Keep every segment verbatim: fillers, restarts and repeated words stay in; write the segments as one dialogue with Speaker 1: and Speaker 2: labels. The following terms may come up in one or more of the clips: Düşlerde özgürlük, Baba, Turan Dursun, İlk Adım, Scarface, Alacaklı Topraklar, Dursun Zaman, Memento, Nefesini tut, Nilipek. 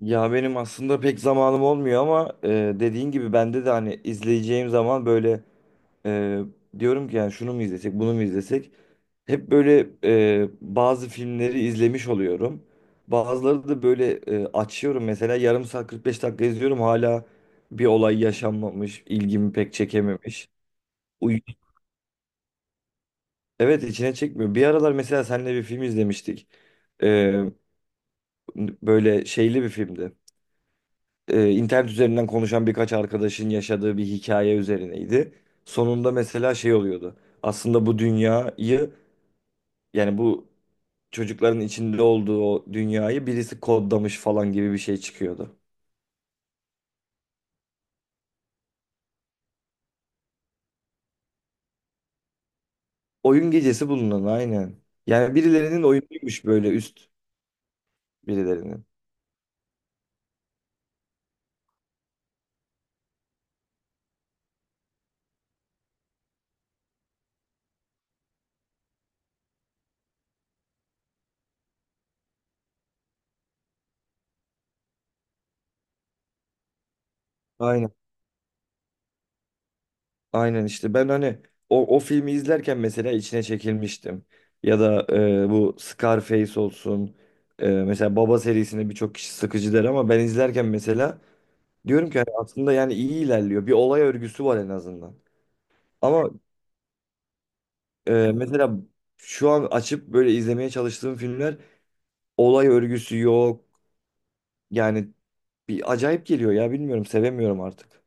Speaker 1: Ya benim aslında pek zamanım olmuyor ama e, dediğin gibi bende de hani izleyeceğim zaman böyle e, diyorum ki yani şunu mu izlesek bunu mu izlesek hep böyle e, bazı filmleri izlemiş oluyorum. Bazıları da böyle e, açıyorum mesela yarım saat kırk beş dakika izliyorum hala bir olay yaşanmamış ilgimi pek çekememiş. Uy- evet içine çekmiyor. Bir aralar mesela seninle bir film izlemiştik. E, Böyle şeyli bir filmdi. e, internet üzerinden konuşan birkaç arkadaşın yaşadığı bir hikaye üzerineydi. Sonunda mesela şey oluyordu. Aslında bu dünyayı yani bu çocukların içinde olduğu o dünyayı birisi kodlamış falan gibi bir şey çıkıyordu. Oyun gecesi bulunan aynen. Yani birilerinin oyunuymuş böyle üst birilerinin. Aynen. Aynen işte ben hani o, o filmi izlerken mesela içine çekilmiştim. Ya da e, bu Scarface olsun. E, mesela Baba serisini birçok kişi sıkıcı der ama ben izlerken mesela diyorum ki hani aslında yani iyi ilerliyor. Bir olay örgüsü var en azından. Ama e, mesela şu an açıp böyle izlemeye çalıştığım filmler olay örgüsü yok. Yani bir acayip geliyor ya bilmiyorum sevemiyorum artık.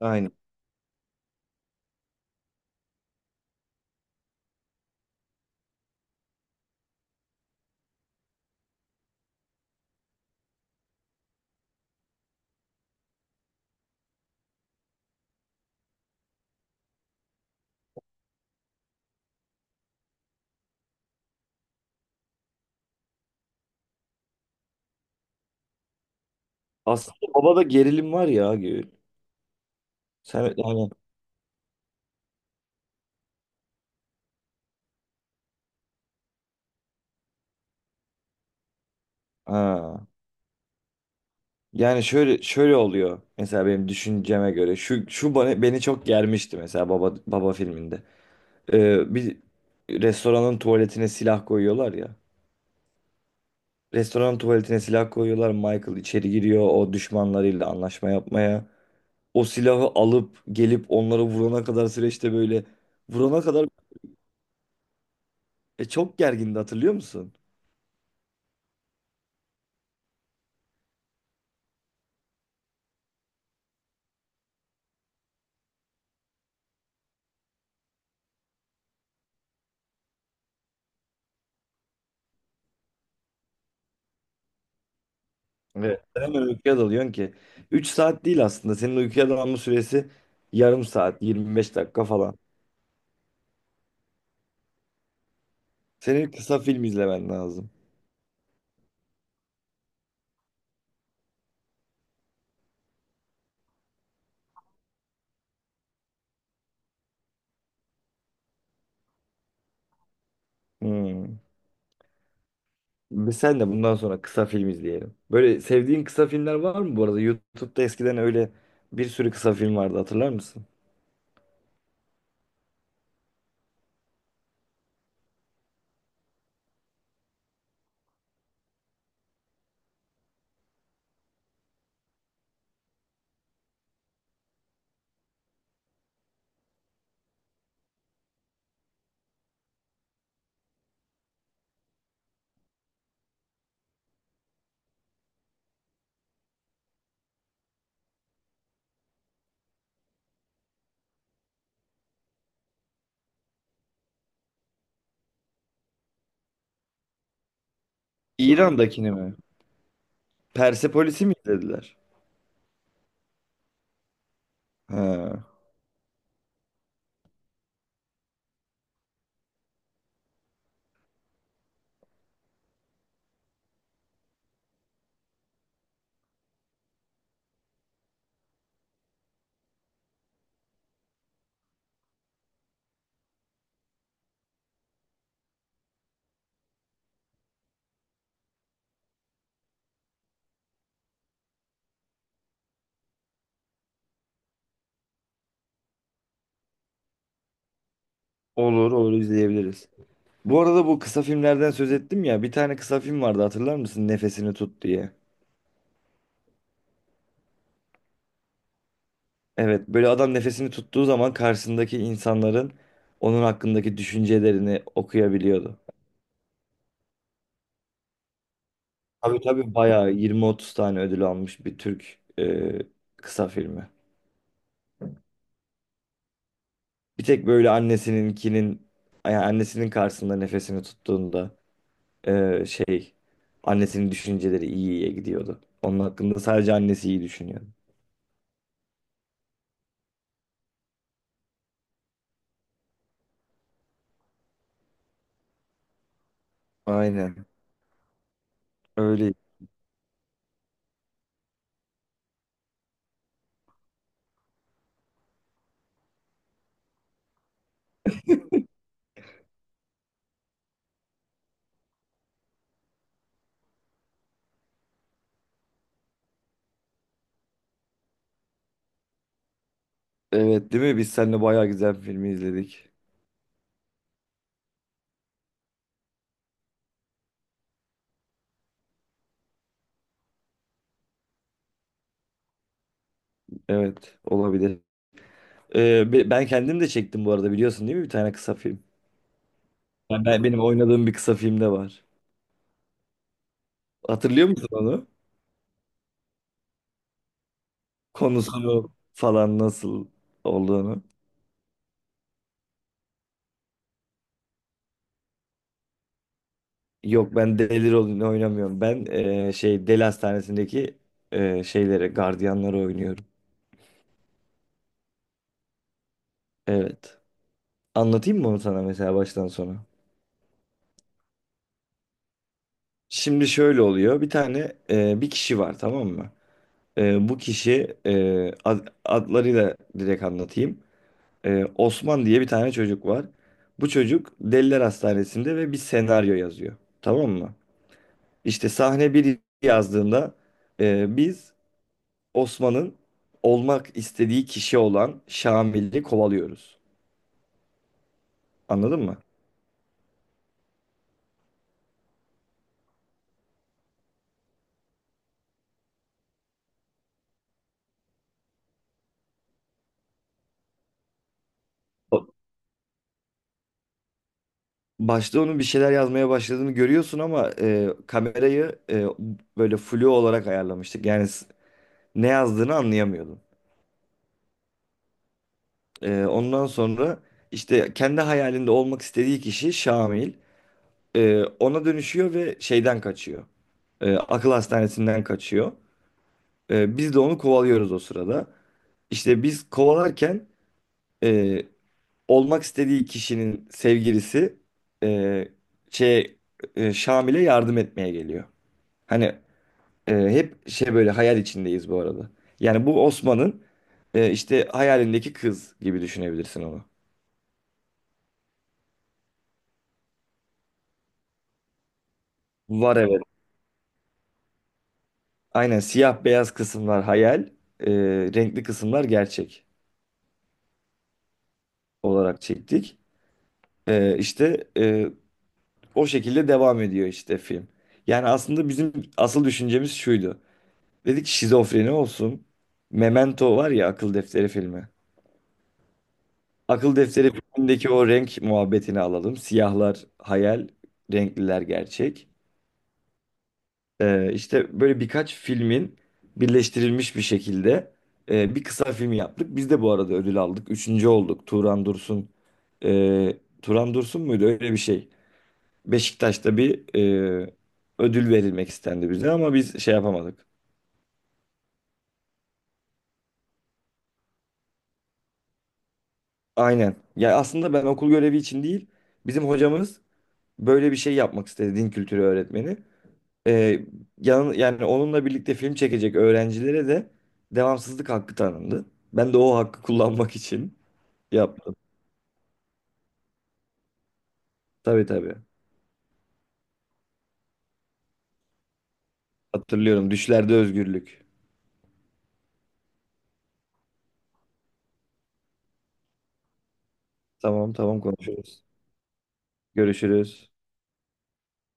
Speaker 1: Aynen. Aslında babada gerilim var ya Gül. Sen yani ha. Yani şöyle şöyle oluyor mesela benim düşünceme göre şu şu bana, beni çok germişti mesela baba baba filminde. Ee, bir restoranın tuvaletine silah koyuyorlar ya. Restoranın tuvaletine silah koyuyorlar. Michael içeri giriyor o düşmanlarıyla anlaşma yapmaya. O silahı alıp gelip onları vurana kadar süreçte böyle vurana kadar e, çok gergindi hatırlıyor musun? Evet. Hemen uykuya dalıyorsun ki. Üç saat değil aslında. Senin uykuya dalma süresi yarım saat, yirmi beş dakika falan. Senin kısa film izlemen lazım. Hmm. Biz sen de bundan sonra kısa film izleyelim. Böyle sevdiğin kısa filmler var mı bu arada? YouTube'da eskiden öyle bir sürü kısa film vardı hatırlar mısın? İran'dakini mi? Persepolis'i mi izlediler? Ha. Olur olur izleyebiliriz. Bu arada bu kısa filmlerden söz ettim ya bir tane kısa film vardı hatırlar mısın? Nefesini tut diye. Evet, böyle adam nefesini tuttuğu zaman karşısındaki insanların onun hakkındaki düşüncelerini okuyabiliyordu. Tabii tabii bayağı yirmi otuz tane ödül almış bir Türk e, kısa filmi. Bir tek böyle annesininkinin, yani annesinin karşısında nefesini tuttuğunda e, şey annesinin düşünceleri iyi iyiye gidiyordu. Onun hakkında sadece annesi iyi düşünüyordu. Aynen öyle. Evet değil mi? Biz seninle bayağı güzel bir filmi izledik. Evet olabilir. Ee, be- ben kendim de çektim bu arada biliyorsun değil mi bir tane kısa film? Ben, ben- benim oynadığım bir kısa filmde var. Hatırlıyor musun onu? Konusunu falan nasıl olduğunu. Yok ben deli rolünü oynamıyorum. Ben e, şey deli hastanesindeki e, şeyleri, gardiyanları oynuyorum. Evet. Anlatayım mı onu sana mesela baştan sona? Şimdi şöyle oluyor. Bir tane e, bir kişi var tamam mı? E, bu kişi e, ad- adlarıyla direkt anlatayım. Ee, Osman diye bir tane çocuk var. Bu çocuk Deliler Hastanesi'nde ve bir senaryo yazıyor. Tamam mı? İşte sahne bir yazdığında e, biz Osman'ın olmak istediği kişi olan Şamil'i kovalıyoruz. Anladın mı? O- Başta onun bir şeyler yazmaya başladığını görüyorsun ama e, kamerayı e, böyle flu olarak ayarlamıştık. Yani s- ne yazdığını anlayamıyordum. E, ondan sonra işte kendi hayalinde olmak istediği kişi Şamil. Ee, ona dönüşüyor ve şeyden kaçıyor. Ee, akıl hastanesinden kaçıyor. Ee, biz de onu kovalıyoruz o sırada. İşte biz kovalarken e, olmak istediği kişinin sevgilisi e, şey e, Şamil'e yardım etmeye geliyor. Hani e, hep şey böyle hayal içindeyiz bu arada. Yani bu Osman'ın e, işte hayalindeki kız gibi düşünebilirsin onu. Var evet. Aynen siyah beyaz kısımlar hayal, e, renkli kısımlar gerçek olarak çektik. Ee, işte e, o şekilde devam ediyor işte film. Yani aslında bizim asıl düşüncemiz şuydu. Dedik ki şizofreni olsun. Memento var ya akıl defteri filmi. Akıl defteri filmindeki o renk muhabbetini alalım. Siyahlar hayal, renkliler gerçek. Ee, işte böyle birkaç filmin birleştirilmiş bir şekilde e, bir kısa film yaptık. Biz de bu arada ödül aldık. Üçüncü olduk. Turan Dursun. e, Turan Dursun muydu? Öyle bir şey. Beşiktaş'ta bir e, ödül verilmek istendi bize ama biz şey yapamadık. Aynen. Ya aslında ben okul görevi için değil, bizim hocamız böyle bir şey yapmak istedi din kültürü öğretmeni. E, yan, Yani onunla birlikte film çekecek öğrencilere de devamsızlık hakkı tanındı. Ben de o hakkı kullanmak için yaptım. Tabii tabii. Hatırlıyorum. Düşlerde özgürlük. Tamam tamam konuşuruz. Görüşürüz.